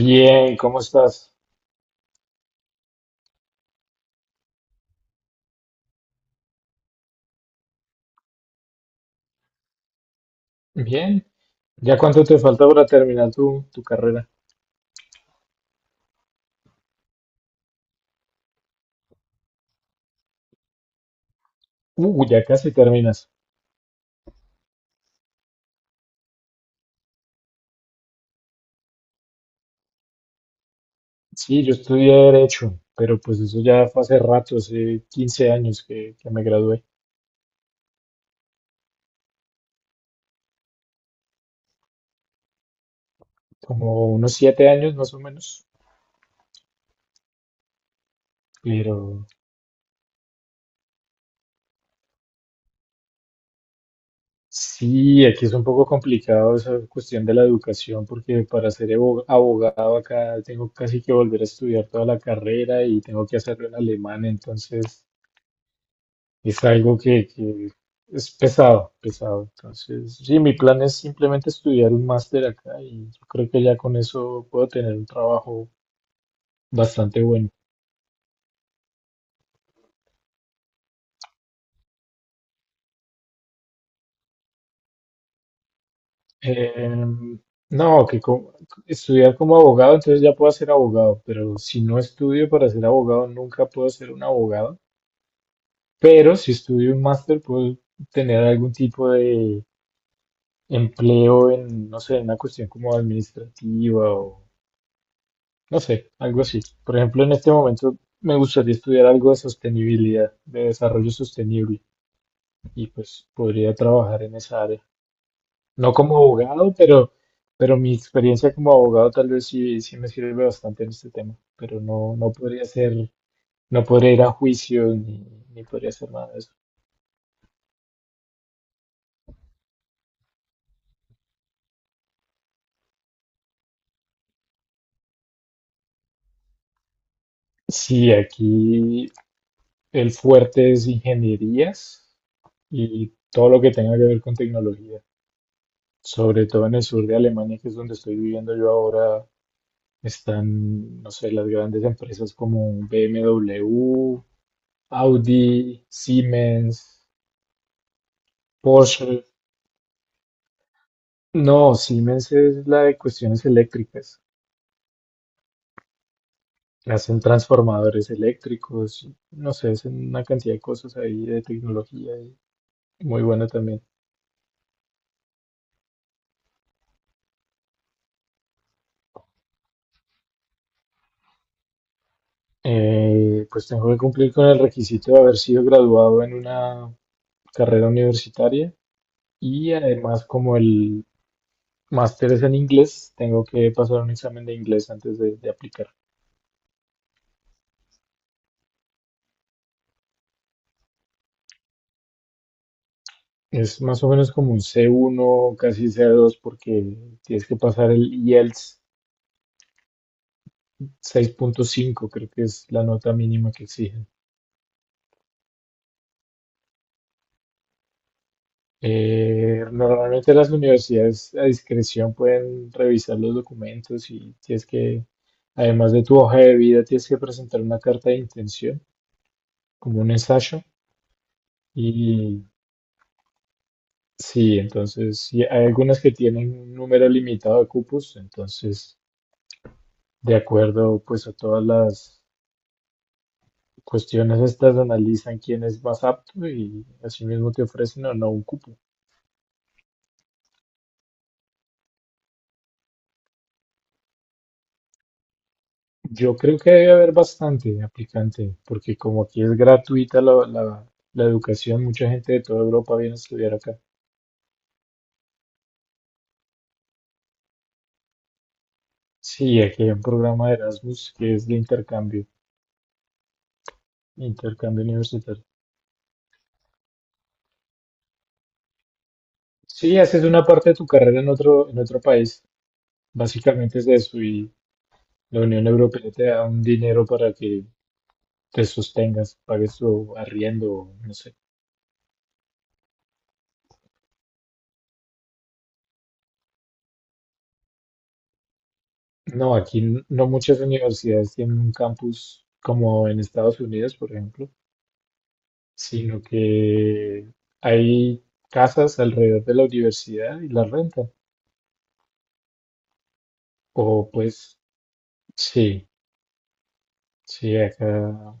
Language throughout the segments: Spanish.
Bien, ¿cómo estás? Bien. ¿Ya cuánto te falta para terminar tu carrera? Ya casi terminas. Sí, yo estudié Derecho, pero pues eso ya fue hace rato, hace 15 años que me gradué. Como unos 7 años más o menos. Pero sí, aquí es un poco complicado esa cuestión de la educación, porque para ser abogado acá tengo casi que volver a estudiar toda la carrera y tengo que hacerlo en alemán, entonces... Es algo que es pesado, pesado. Entonces, sí, mi plan es simplemente estudiar un máster acá y yo creo que ya con eso puedo tener un trabajo bastante bueno. Em, no, estudiar como abogado, entonces ya puedo ser abogado, pero si no estudio para ser abogado, nunca puedo ser un abogado. Pero si estudio un máster, puedo tener algún tipo de empleo en, no sé, en una cuestión como administrativa. No sé, algo así. Por ejemplo, en este momento me gustaría estudiar algo de sostenibilidad, de desarrollo sostenible, y pues podría trabajar en esa área. No como abogado, pero mi experiencia como abogado tal vez sí, sí me sirve bastante en este tema, pero no, no podría ser, no podría ir a juicio ni, ni podría hacer nada de eso. Sí, aquí el fuerte es ingenierías y todo lo que tenga que ver con tecnología, sobre todo en el sur de Alemania, que es donde estoy viviendo yo ahora. Están, no sé, las grandes empresas como BMW, Audi, Siemens, Porsche. No, Siemens es la de cuestiones eléctricas. Hacen transformadores eléctricos, y, no sé, hacen una cantidad de cosas ahí de tecnología y muy buena también. Pues tengo que cumplir con el requisito de haber sido graduado en una carrera universitaria y además como el máster es en inglés, tengo que pasar un examen de inglés antes de aplicar. Es más o menos como un C1, casi C2, porque tienes que pasar el IELTS 6.5, creo que es la nota mínima que exigen. Normalmente las universidades a discreción pueden revisar los documentos y tienes que, además de tu hoja de vida, tienes que presentar una carta de intención, como un ensayo. Y sí, entonces sí, hay algunas que tienen un número limitado de cupos, entonces de acuerdo pues a todas las cuestiones estas analizan quién es más apto y asimismo te ofrecen o no un cupo. Yo creo que debe haber bastante aplicante, porque como aquí es gratuita la educación, mucha gente de toda Europa viene a estudiar acá. Sí, aquí hay un programa de Erasmus que es de intercambio, intercambio universitario. Sí, haces una parte de tu carrera en otro país, básicamente es eso, y la Unión Europea te da un dinero para que te sostengas, pagues tu arriendo, no sé. No, aquí no muchas universidades tienen un campus como en Estados Unidos, por ejemplo, sino que hay casas alrededor de la universidad y la rentan. O pues sí, sí, acá,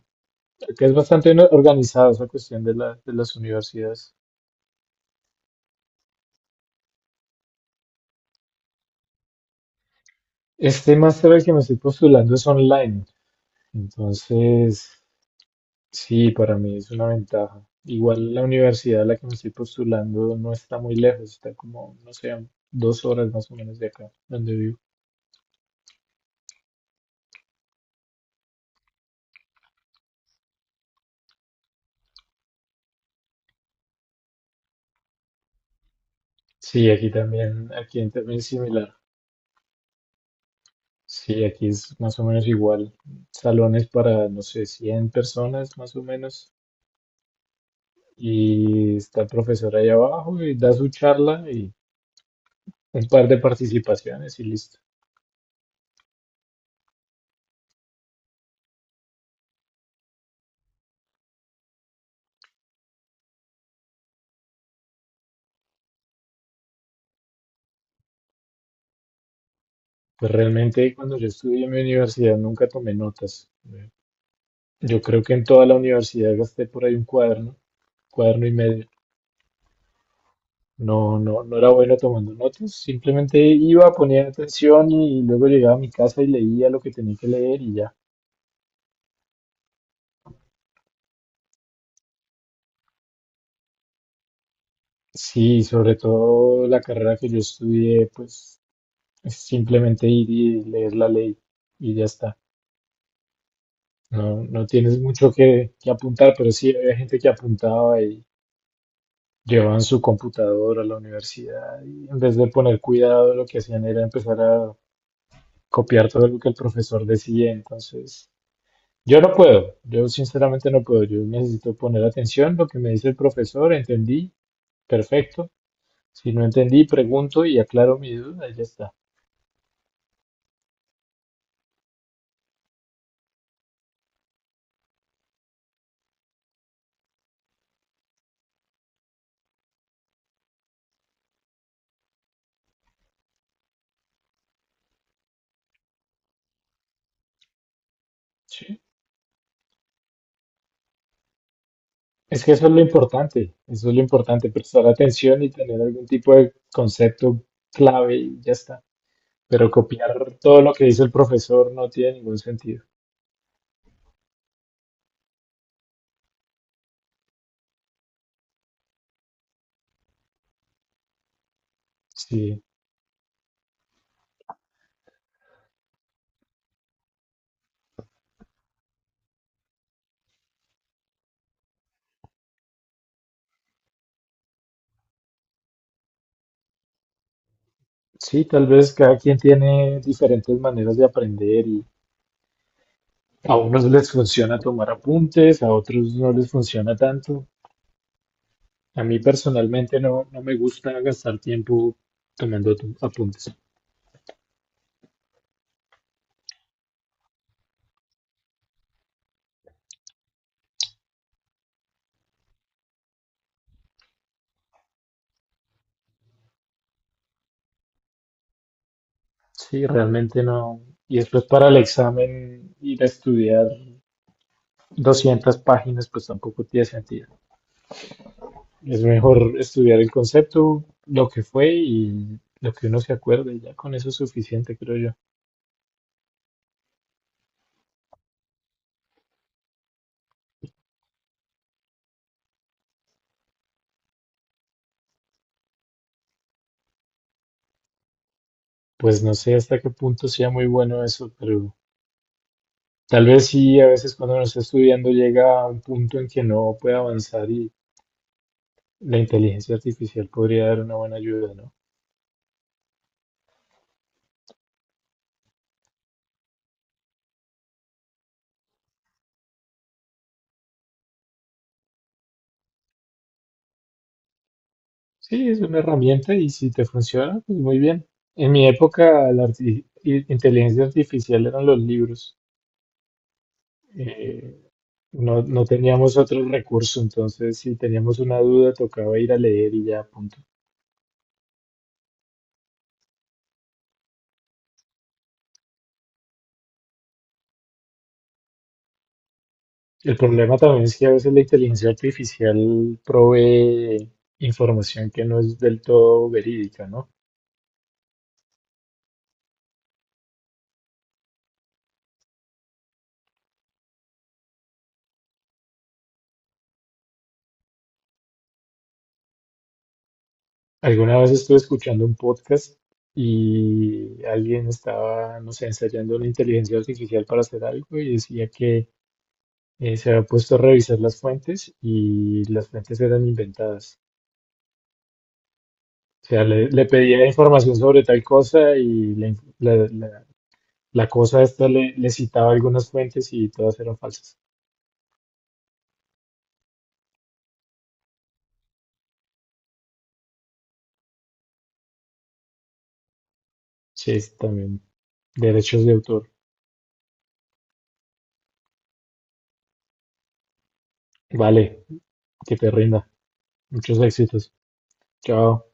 acá es bastante organizada esa cuestión de de las universidades. Este máster al que me estoy postulando es online, entonces sí, para mí es una ventaja. Igual la universidad a la que me estoy postulando no está muy lejos, está como, no sé, a 2 horas más o menos de acá, donde vivo. Sí, aquí también es similar. Sí, aquí es más o menos igual. Salones para, no sé, 100 personas más o menos. Y está el profesor ahí abajo y da su charla y un par de participaciones y listo. Pues realmente cuando yo estudié en mi universidad nunca tomé notas. Yo creo que en toda la universidad gasté por ahí un cuaderno, cuaderno y medio. No era bueno tomando notas, simplemente iba, ponía atención y luego llegaba a mi casa y leía lo que tenía que leer y ya. Sí, sobre todo la carrera que yo estudié, pues es simplemente ir y leer la ley y ya está. No, no tienes mucho que apuntar, pero sí había gente que apuntaba y llevaban su computadora a la universidad y en vez de poner cuidado lo que hacían era empezar a copiar todo lo que el profesor decía, entonces yo no puedo, yo sinceramente no puedo, yo necesito poner atención lo que me dice el profesor, entendí, perfecto, si no entendí, pregunto y aclaro mi duda y ya está. Sí. Es que eso es lo importante, eso es lo importante, prestar atención y tener algún tipo de concepto clave y ya está. Pero copiar todo lo que dice el profesor no tiene ningún sentido. Sí, sí, tal vez cada quien tiene diferentes maneras de aprender y a unos les funciona tomar apuntes, a otros no les funciona tanto. A mí personalmente no, no me gusta gastar tiempo tomando apuntes. Sí, realmente no. Y después para el examen ir a estudiar 200 páginas, pues tampoco tiene sentido. Es mejor estudiar el concepto, lo que fue y lo que uno se acuerde. Ya con eso es suficiente, creo yo. Pues no sé hasta qué punto sea muy bueno eso, pero tal vez sí, a veces cuando uno está estudiando llega a un punto en que no puede avanzar y la inteligencia artificial podría dar una buena ayuda, ¿no? Sí, es una herramienta y si te funciona, pues muy bien. En mi época la inteligencia artificial eran los libros. Eh, no, no teníamos otro recurso, entonces si teníamos una duda tocaba ir a leer y ya, punto. El problema también es que a veces la inteligencia artificial provee información que no es del todo verídica, ¿no? Alguna vez estuve escuchando un podcast y alguien estaba, no sé, ensayando la inteligencia artificial para hacer algo y decía que se había puesto a revisar las fuentes y las fuentes eran inventadas. O sea, le pedía información sobre tal cosa y la, inf- la- la- la cosa esta le, le citaba algunas fuentes y todas eran falsas. Sí, es también derechos de autor. Vale, que te rinda. Muchos éxitos. Chao.